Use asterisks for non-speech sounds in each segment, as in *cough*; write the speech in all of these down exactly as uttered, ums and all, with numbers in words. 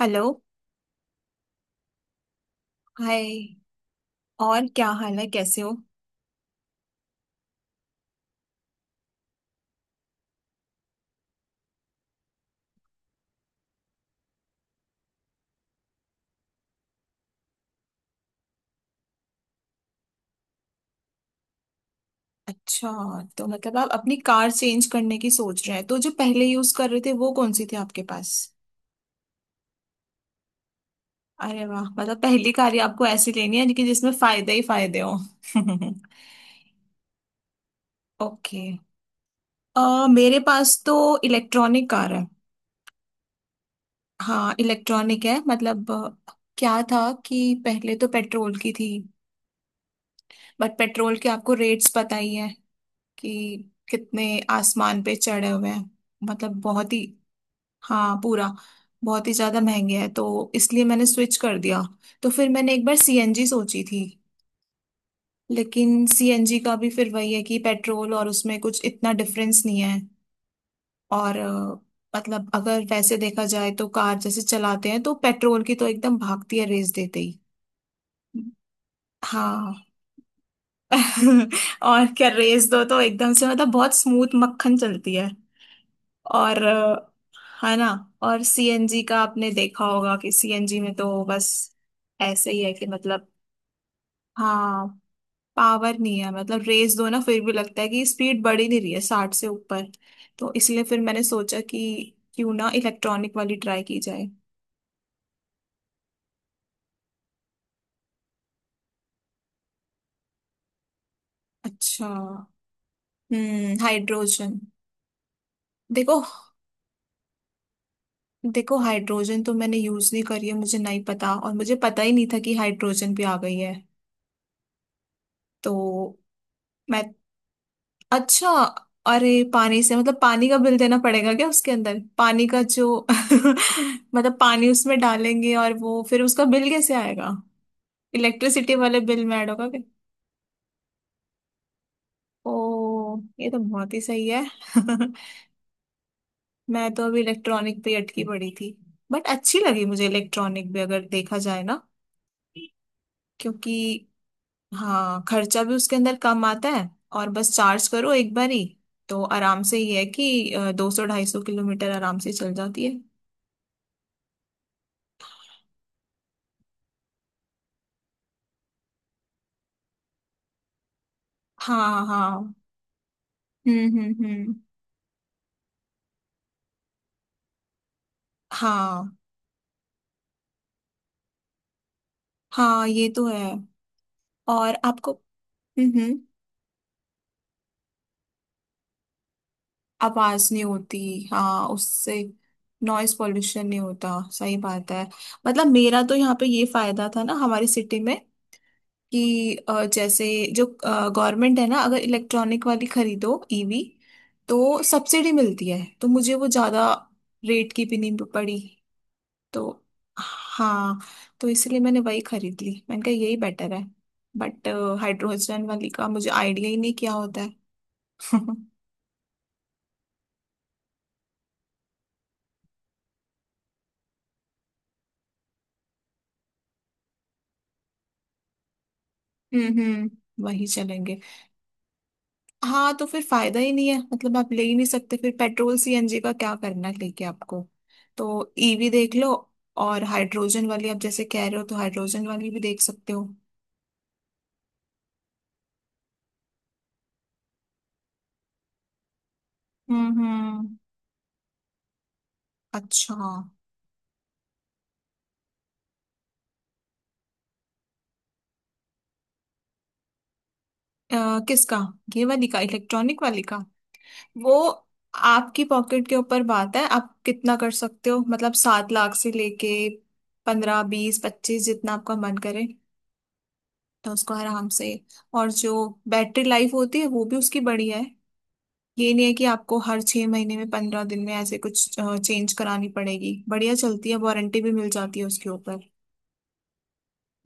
Hello. Hi. और क्या हाल है? कैसे हो? अच्छा। तो मतलब आप अपनी कार चेंज करने की सोच रहे हैं, तो जो पहले यूज कर रहे थे वो कौन सी थी आपके पास? अरे वाह! मतलब पहली कार ही आपको ऐसी लेनी है कि जिसमें फायदे ही फायदे हो। *laughs* ओके। अ, मेरे पास तो इलेक्ट्रॉनिक कार है। हाँ, इलेक्ट्रॉनिक है। मतलब अ, क्या था कि पहले तो पेट्रोल की थी। बट पेट्रोल के आपको रेट्स पता ही है कि कितने आसमान पे चढ़े हुए हैं। मतलब बहुत ही। हाँ, पूरा। बहुत ही ज्यादा महंगे हैं, तो इसलिए मैंने स्विच कर दिया। तो फिर मैंने एक बार सीएनजी सोची थी। लेकिन सीएनजी का भी फिर वही है कि पेट्रोल और उसमें कुछ इतना डिफरेंस नहीं है। और अ, मतलब अगर वैसे देखा जाए तो कार जैसे चलाते हैं तो पेट्रोल की तो एकदम भागती है रेस देते ही। हाँ। *laughs* और क्या, रेस दो तो एकदम से मतलब बहुत स्मूथ मक्खन चलती है। और अ, है ना। और सीएनजी का आपने देखा होगा कि सीएनजी में तो बस ऐसे ही है कि मतलब। हाँ, पावर नहीं है, मतलब रेस दो ना फिर भी लगता है कि स्पीड बढ़ ही नहीं रही है साठ से ऊपर। तो इसलिए फिर मैंने सोचा कि क्यों ना इलेक्ट्रॉनिक वाली ट्राई की जाए। अच्छा। हम्म, हाइड्रोजन। देखो, देखो हाइड्रोजन तो मैंने यूज नहीं करी है, मुझे नहीं पता, और मुझे पता ही नहीं था कि हाइड्रोजन भी आ गई है। तो मैं। अच्छा। अरे, पानी से मतलब पानी का बिल देना पड़ेगा क्या? उसके अंदर पानी का जो *laughs* मतलब पानी उसमें डालेंगे और वो फिर उसका बिल कैसे आएगा? इलेक्ट्रिसिटी वाले बिल में ऐड होगा क्या? ओ, ये तो बहुत ही सही है। *laughs* मैं तो अभी इलेक्ट्रॉनिक पे ही अटकी पड़ी थी। बट अच्छी लगी मुझे, इलेक्ट्रॉनिक भी अगर देखा जाए ना। क्योंकि हाँ, खर्चा भी उसके अंदर कम आता है। और बस चार्ज करो एक बार ही, तो आराम से ही है कि दो सौ ढाई सौ किलोमीटर आराम से चल जाती है। हाँ, हाँ। हम्म, हम्म, हम्म। हाँ, हाँ, ये तो है। और आपको? हम्म, हम्म। आवाज नहीं होती। हाँ, उससे नॉइस पॉल्यूशन नहीं होता, सही बात है। मतलब मेरा तो यहाँ पे ये फायदा था ना, हमारी सिटी में, कि अ, जैसे जो गवर्नमेंट है ना, अगर इलेक्ट्रॉनिक वाली खरीदो, ई वी, तो सब्सिडी मिलती है, तो मुझे वो ज्यादा रेट की भी नहीं पड़ी। तो हाँ, तो इसलिए मैंने वही खरीद ली, मैंने कहा यही बेटर है। बट हाइड्रोजन वाली का मुझे आइडिया ही नहीं क्या होता है। *laughs* हम्म, हम्म। वही चलेंगे। हाँ, तो फिर फायदा ही नहीं है, मतलब आप ले ही नहीं सकते फिर। पेट्रोल सीएनजी का क्या करना है लेके आपको, तो ई वी देख लो। और हाइड्रोजन वाली आप जैसे कह रहे हो, तो हाइड्रोजन वाली भी देख सकते हो। हम्म, हम्म। अच्छा। अ, किसका? ये वाली का, इलेक्ट्रॉनिक वाली का? वो आपकी पॉकेट के ऊपर बात है, आप कितना कर सकते हो। मतलब सात लाख से लेके पंद्रह, बीस, पच्चीस, जितना आपका मन करे। तो उसको आराम से। और जो बैटरी लाइफ होती है वो भी उसकी बढ़िया है। ये नहीं है कि आपको हर छह महीने में, पंद्रह दिन में ऐसे कुछ चेंज करानी पड़ेगी। बढ़िया चलती है, वारंटी भी मिल जाती है उसके ऊपर।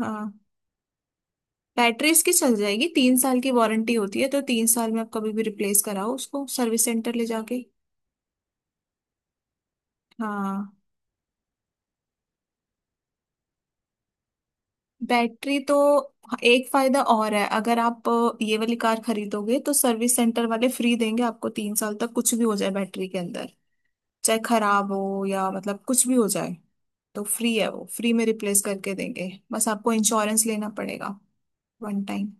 हाँ, बैटरी इसकी चल जाएगी। तीन साल की वारंटी होती है, तो तीन साल में आप कभी भी रिप्लेस कराओ उसको सर्विस सेंटर ले जाके। हाँ, बैटरी तो एक फायदा और है। अगर आप अ, ये वाली कार खरीदोगे तो सर्विस सेंटर वाले फ्री देंगे आपको तीन साल तक, कुछ भी हो जाए बैटरी के अंदर, चाहे खराब हो या मतलब कुछ भी हो जाए, तो फ्री है। वो फ्री में रिप्लेस करके देंगे, बस आपको इंश्योरेंस लेना पड़ेगा, वन टाइम।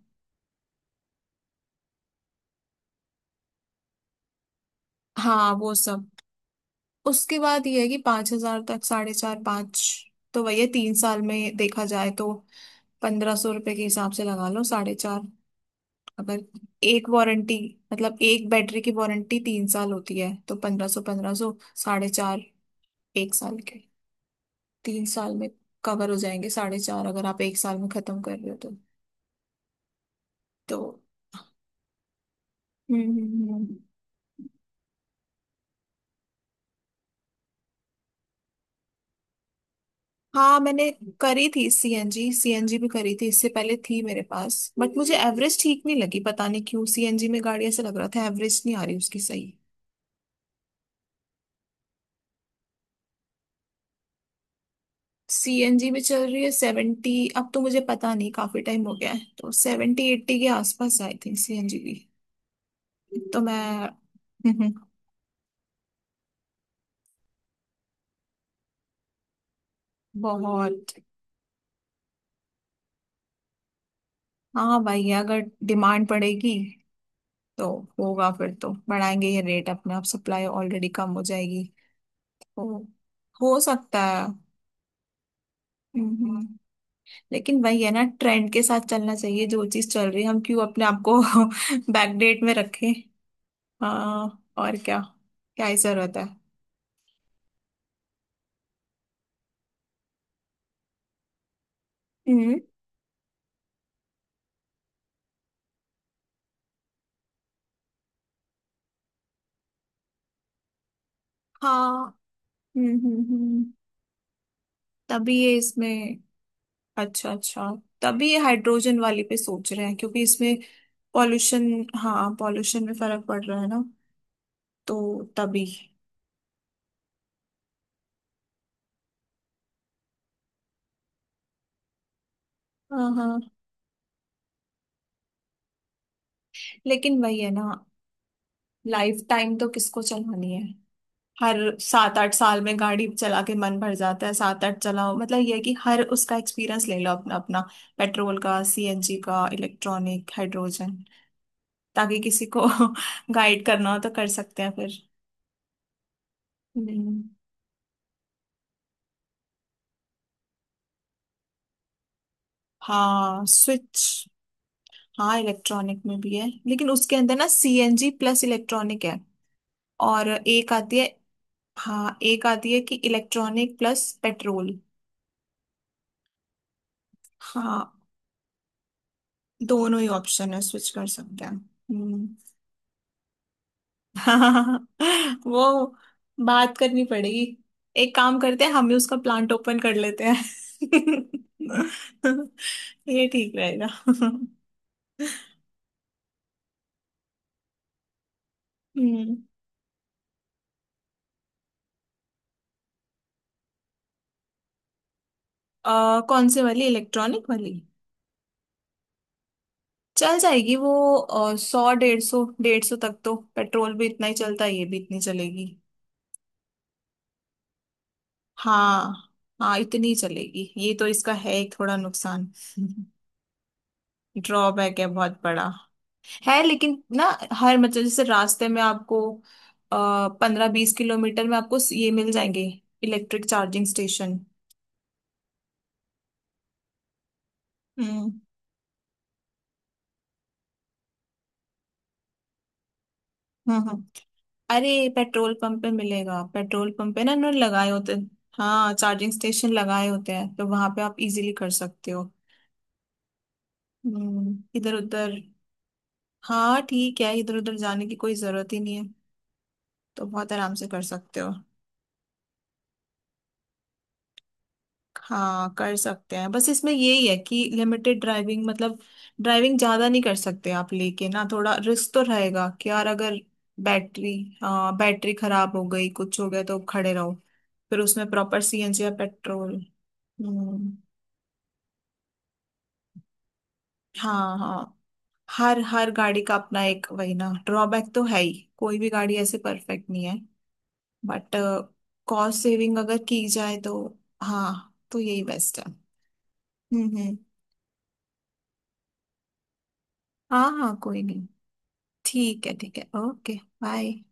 हाँ, वो सब। उसके बाद ये है कि पाँच हजार तक, साढ़े चार, पाँच। तो वही है, तीन साल में देखा जाए तो पंद्रह सौ रुपए के हिसाब से लगा लो, साढ़े चार। अगर एक वारंटी, मतलब एक बैटरी की वारंटी तीन साल होती है, तो पंद्रह सौ, पंद्रह सौ, साढ़े चार। एक साल के, तीन साल में कवर हो जाएंगे साढ़े चार, अगर आप एक साल में खत्म कर रहे हो तो। तो हम्म, हम्म, हम्म। हाँ, मैंने करी थी सीएनजी, सीएनजी भी करी थी, इससे पहले थी मेरे पास। बट मुझे एवरेज ठीक नहीं लगी, पता नहीं क्यों सीएनजी में गाड़ी ऐसा लग रहा था एवरेज नहीं आ रही उसकी सही। सीएनजी में चल रही है सेवेंटी, अब तो मुझे पता नहीं, काफी टाइम हो गया है, तो सेवेंटी एट्टी के आसपास आई थिंक सीएनजी की। तो मैं। *laughs* बहुत। हाँ, भाई, अगर डिमांड पड़ेगी, तो होगा फिर, तो बढ़ाएंगे ये रेट अपने आप, सप्लाई ऑलरेडी कम हो जाएगी। तो हो सकता है। हम्म। लेकिन वही है ना, ट्रेंड के साथ चलना चाहिए, जो चीज चल रही है, हम क्यों अपने आप को *laughs* बैकडेट में रखें। हाँ, और क्या। क्या ही जरूरत है। हम्म। हाँ, हम्म, हम्म, हम्म। तभी ये इसमें। अच्छा, अच्छा। तभी ये हाइड्रोजन वाली पे सोच रहे हैं क्योंकि इसमें पॉल्यूशन। हाँ, पॉल्यूशन में फर्क पड़ रहा है ना। तो तभी। हाँ, हाँ। लेकिन वही है ना, लाइफ टाइम तो किसको चलानी है। हर सात आठ साल में गाड़ी चला के मन भर जाता है। सात आठ चलाओ, मतलब ये है कि हर उसका एक्सपीरियंस ले लो अपना अपना, पेट्रोल का, सीएनजी का, इलेक्ट्रॉनिक, हाइड्रोजन। ताकि किसी को *laughs* गाइड करना हो तो कर सकते हैं फिर। हम्म। हाँ, स्विच। हाँ, इलेक्ट्रॉनिक में भी है, लेकिन उसके अंदर ना सीएनजी प्लस इलेक्ट्रॉनिक है। और एक आती है। हाँ, एक आती है कि इलेक्ट्रॉनिक प्लस पेट्रोल। हाँ। दोनों ही ऑप्शन है, स्विच कर सकते हैं। हम्म। *laughs* वो। बात करनी पड़ेगी। एक काम करते हैं, हम ही उसका प्लांट ओपन कर लेते हैं। *laughs* ये ठीक रहेगा। *laughs* हम्म। अ, कौन से वाली, इलेक्ट्रॉनिक वाली? चल जाएगी वो। अ, सौ डेढ़ सौ, डेढ़ सौ तक तो पेट्रोल भी इतना ही चलता है, ये भी इतनी चलेगी। हाँ, हाँ, इतनी चलेगी। ये तो इसका है एक थोड़ा नुकसान। ड्रॉबैक है बहुत बड़ा। है लेकिन ना, हर मतलब जैसे रास्ते में आपको आ, पंद्रह बीस किलोमीटर में आपको ये मिल जाएंगे, इलेक्ट्रिक चार्जिंग स्टेशन। हम्म, हम्म, हम्म। अरे, पेट्रोल पंप पे मिलेगा, पेट्रोल पंप पे ना उन्होंने लगाए होते हैं। हाँ, चार्जिंग स्टेशन लगाए होते हैं, तो वहां पे आप इजीली कर सकते हो। हम्म, इधर उधर। हाँ, ठीक है, इधर उधर जाने की कोई जरूरत ही नहीं है, तो बहुत आराम से कर सकते हो। हाँ, कर सकते हैं, बस इसमें यही है कि लिमिटेड ड्राइविंग, मतलब ड्राइविंग ज्यादा नहीं कर सकते आप लेके ना, थोड़ा रिस्क तो रहेगा कि यार अगर बैटरी। हाँ, बैटरी खराब हो गई, कुछ हो गया तो खड़े रहो। फिर उसमें प्रॉपर सीएनजी या पेट्रोल। हम्म। हाँ, हाँ। हर हर गाड़ी का अपना एक, वही ना, ड्रॉबैक तो है ही, कोई भी गाड़ी ऐसे परफेक्ट नहीं है। बट कॉस्ट सेविंग अगर की जाए तो, हाँ, तो यही बेस्ट है। हम्म, हम्म। हाँ, हाँ, कोई नहीं। ठीक है, ठीक है, ओके। बाय।